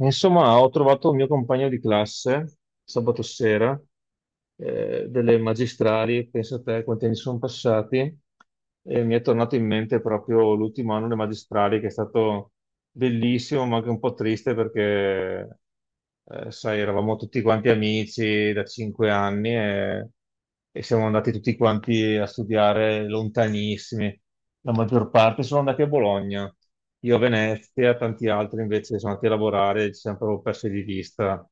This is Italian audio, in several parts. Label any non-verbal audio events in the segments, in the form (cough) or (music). Insomma, ho trovato un mio compagno di classe sabato sera, delle magistrali, pensa a te quanti anni sono passati, e mi è tornato in mente proprio l'ultimo anno delle magistrali che è stato bellissimo, ma anche un po' triste perché, sai, eravamo tutti quanti amici da 5 anni e siamo andati tutti quanti a studiare lontanissimi. La maggior parte sono andati a Bologna, io a Venezia, tanti altri invece sono andati a lavorare e ci siamo proprio persi di vista.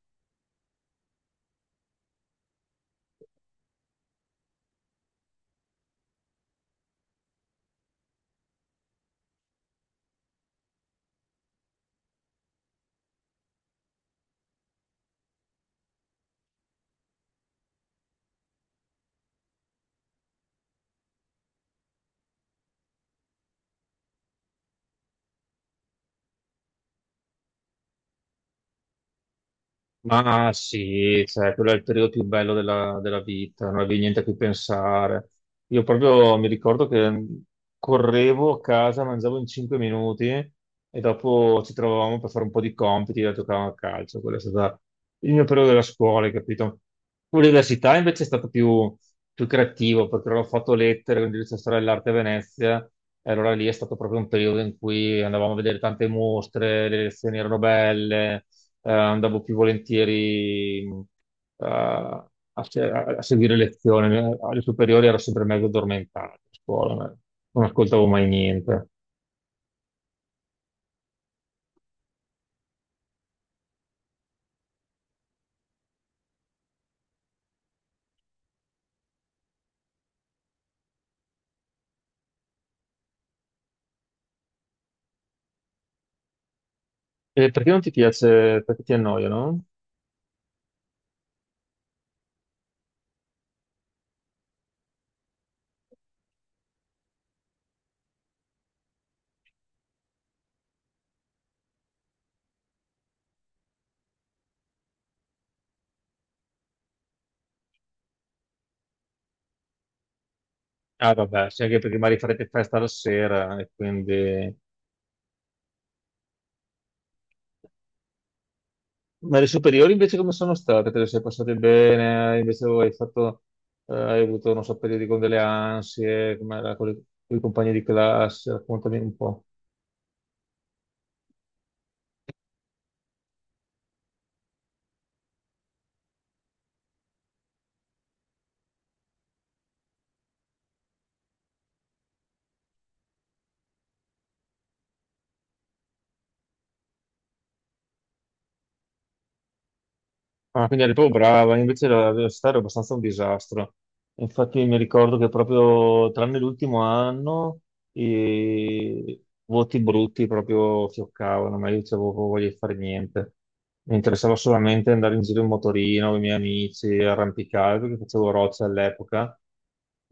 Ma sì, cioè, quello è il periodo più bello della vita, non avevi niente a cui pensare. Io proprio mi ricordo che correvo a casa, mangiavo in 5 minuti e dopo ci trovavamo per fare un po' di compiti e giocavamo a calcio. Quello è stato il mio periodo della scuola, hai capito? L'università invece è stato più creativo perché ho fatto lettere, quindi c'è storia dell'arte a Venezia. E allora lì è stato proprio un periodo in cui andavamo a vedere tante mostre, le lezioni erano belle, andavo più volentieri a, se- a seguire lezioni. Alle superiori ero sempre mezzo addormentato a scuola, ma non ascoltavo mai niente. E perché non ti piace? Perché ti annoia, no? Ah, vabbè, sì, anche perché magari farete festa la sera e quindi... Ma le superiori invece come sono state? Te le sei passate bene? Invece hai fatto, hai avuto, non so, periodi con delle ansie, come era con i compagni di classe? Raccontami un po'. Ah, quindi eri proprio brava, invece la velocità era abbastanza un disastro. Infatti mi ricordo che proprio tranne l'ultimo anno i voti brutti proprio fioccavano, ma io dicevo "Oh, "Non voglio fare niente. Mi interessava solamente andare in giro in motorino con i miei amici, arrampicare, perché facevo roccia all'epoca.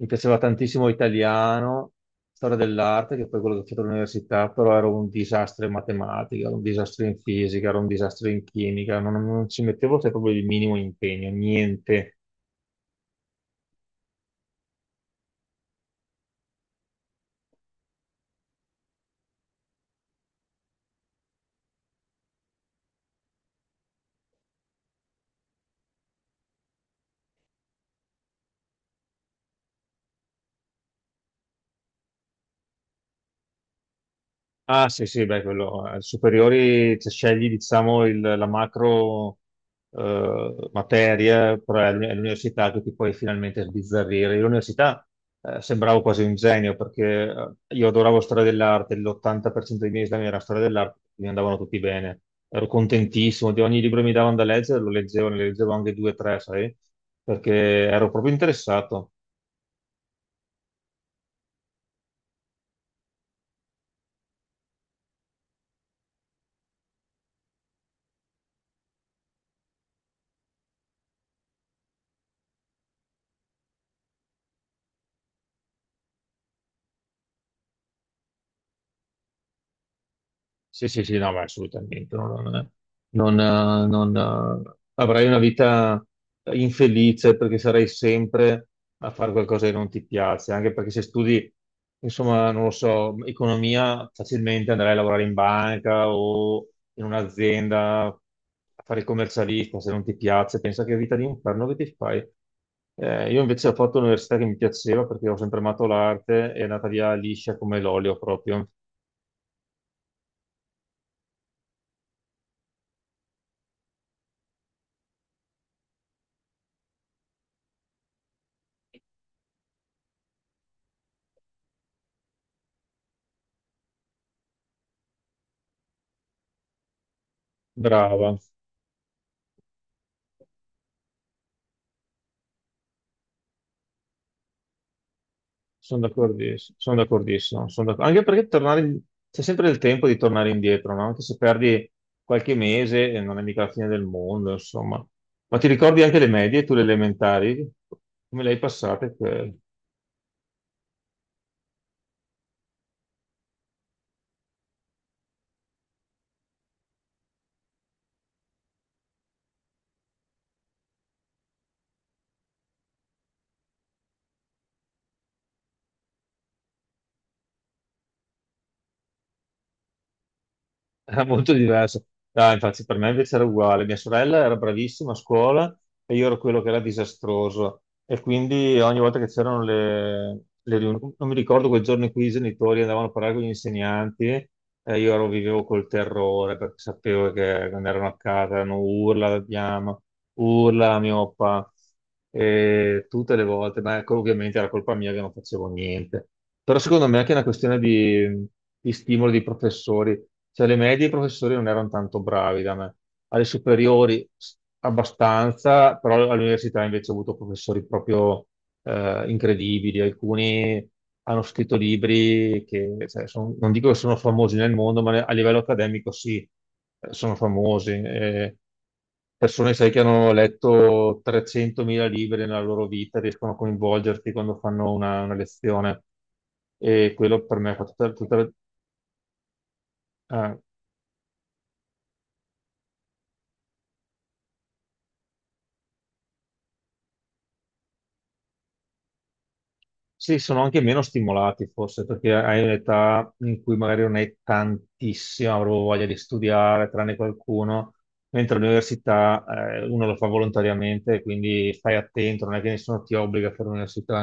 Mi piaceva tantissimo italiano, storia dell'arte, che è poi quello che ho fatto all'università, però ero un disastro in matematica, ero un disastro in fisica, ero un disastro in chimica, non ci mettevo, cioè, proprio il minimo impegno, niente. Ah, sì, sì, beh, quello, superiori, cioè, scegli, diciamo, la macro materia, però è è l'università che ti puoi finalmente sbizzarrire. Io l'università, sembravo quasi un genio, perché, io adoravo storia dell'arte, l'80% dei miei esami era storia dell'arte, mi andavano tutti bene. Ero contentissimo di ogni libro che mi davano da leggere, lo leggevo, ne leggevo anche 2 o 3, sai, perché ero proprio interessato. Sì, sì, sì, no, ma assolutamente. Non, non- non, Avrai una vita infelice perché sarai sempre a fare qualcosa che non ti piace, anche perché se studi, insomma, non lo so, economia, facilmente andrai a lavorare in banca o in un'azienda a fare il commercialista, se non ti piace, pensa che vita di inferno che ti fai. Io invece ho fatto l'università che mi piaceva perché ho sempre amato l'arte, è andata via liscia come l'olio proprio. Brava. Sono d'accordissimo, anche perché c'è sempre il tempo di tornare indietro, no? Anche se perdi qualche mese, non è mica la fine del mondo, insomma. Ma ti ricordi anche le medie, tu le elementari? Come le hai passate quelle? Era molto diverso. No, infatti per me invece era uguale. Mia sorella era bravissima a scuola e io ero quello che era disastroso. E quindi ogni volta che c'erano le riunioni, non mi ricordo quel giorno in cui i genitori andavano a parlare con gli insegnanti, io ero, vivevo col terrore perché sapevo che quando erano a casa erano urla, la diamo, urla la mio papà. E tutte le volte, ma ecco, ovviamente era colpa mia che non facevo niente. Però secondo me è anche una questione di stimolo dei professori. Cioè, le medie i professori non erano tanto bravi da me. Alle superiori abbastanza, però all'università invece ho avuto professori proprio, incredibili, alcuni hanno scritto libri che, cioè, non dico che sono famosi nel mondo, ma a livello accademico sì, sono famosi. Persone, sai, che hanno letto 300.000 libri nella loro vita, riescono a coinvolgerti quando fanno una lezione. E quello per me fa eh, Sì, sono anche meno stimolati forse perché hai un'età in cui magari non hai tantissima proprio voglia di studiare, tranne qualcuno, mentre all'università, uno lo fa volontariamente, quindi stai attento, non è che nessuno ti obbliga a fare l'università.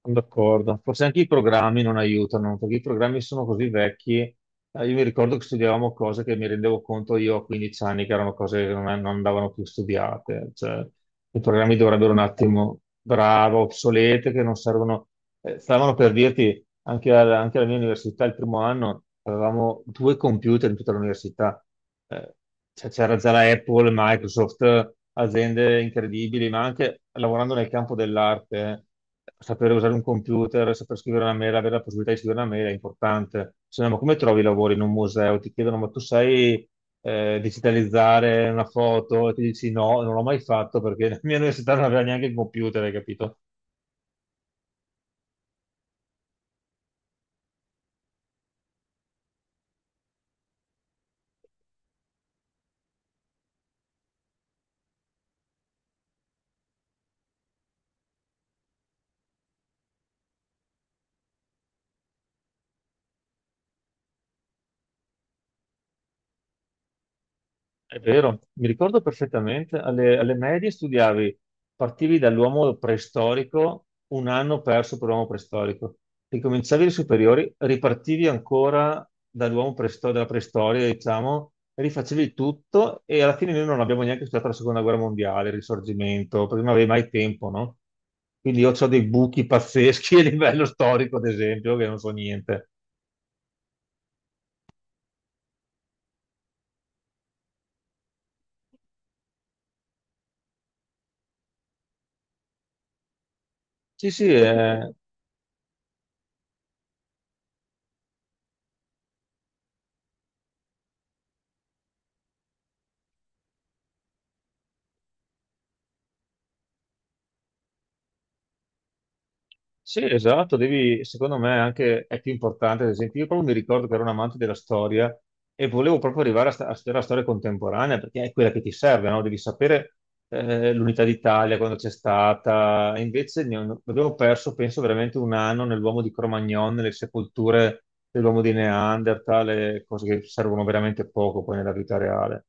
Sono d'accordo, forse anche i programmi non aiutano, perché i programmi sono così vecchi. Io mi ricordo che studiavamo cose che mi rendevo conto io a 15 anni che erano cose che non andavano più studiate. Cioè, i programmi dovrebbero un attimo, bravo, obsolete, che non servono. Stavano per dirti, anche, anche alla mia università, il primo anno, avevamo 2 computer in tutta l'università. Eh, cioè, c'era già la Apple, Microsoft, aziende incredibili, ma anche lavorando nel campo dell'arte. Sapere usare un computer, saper scrivere una mail, avere la possibilità di scrivere una mail è importante. Se no, ma come trovi i lavori in un museo? Ti chiedono, ma tu sai, digitalizzare una foto? E ti dici no, non l'ho mai fatto perché (laughs) la mia università non aveva neanche il computer, hai capito? È vero, mi ricordo perfettamente, alle medie studiavi, partivi dall'uomo preistorico, un anno perso per l'uomo preistorico, ricominciavi le superiori, ripartivi ancora dalla preistoria, diciamo, rifacevi tutto e alla fine noi non abbiamo neanche studiato la seconda guerra mondiale, il risorgimento, perché non avevi mai tempo, no? Quindi io ho dei buchi pazzeschi (laughs) a livello storico, ad esempio, che non so niente. Sì, sì, Mm. È. Sì, esatto, devi, secondo me anche è più importante, ad esempio, io proprio mi ricordo che ero un amante della storia e volevo proprio arrivare a, a studiare la storia contemporanea perché è quella che ti serve, no? Devi sapere, l'unità d'Italia, quando c'è stata, e invece abbiamo perso, penso, veramente un anno nell'uomo di Cro-Magnon, nelle sepolture dell'uomo di Neanderthal, e cose che servono veramente poco poi nella vita reale.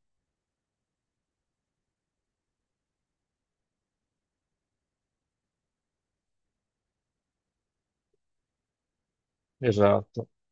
Esatto.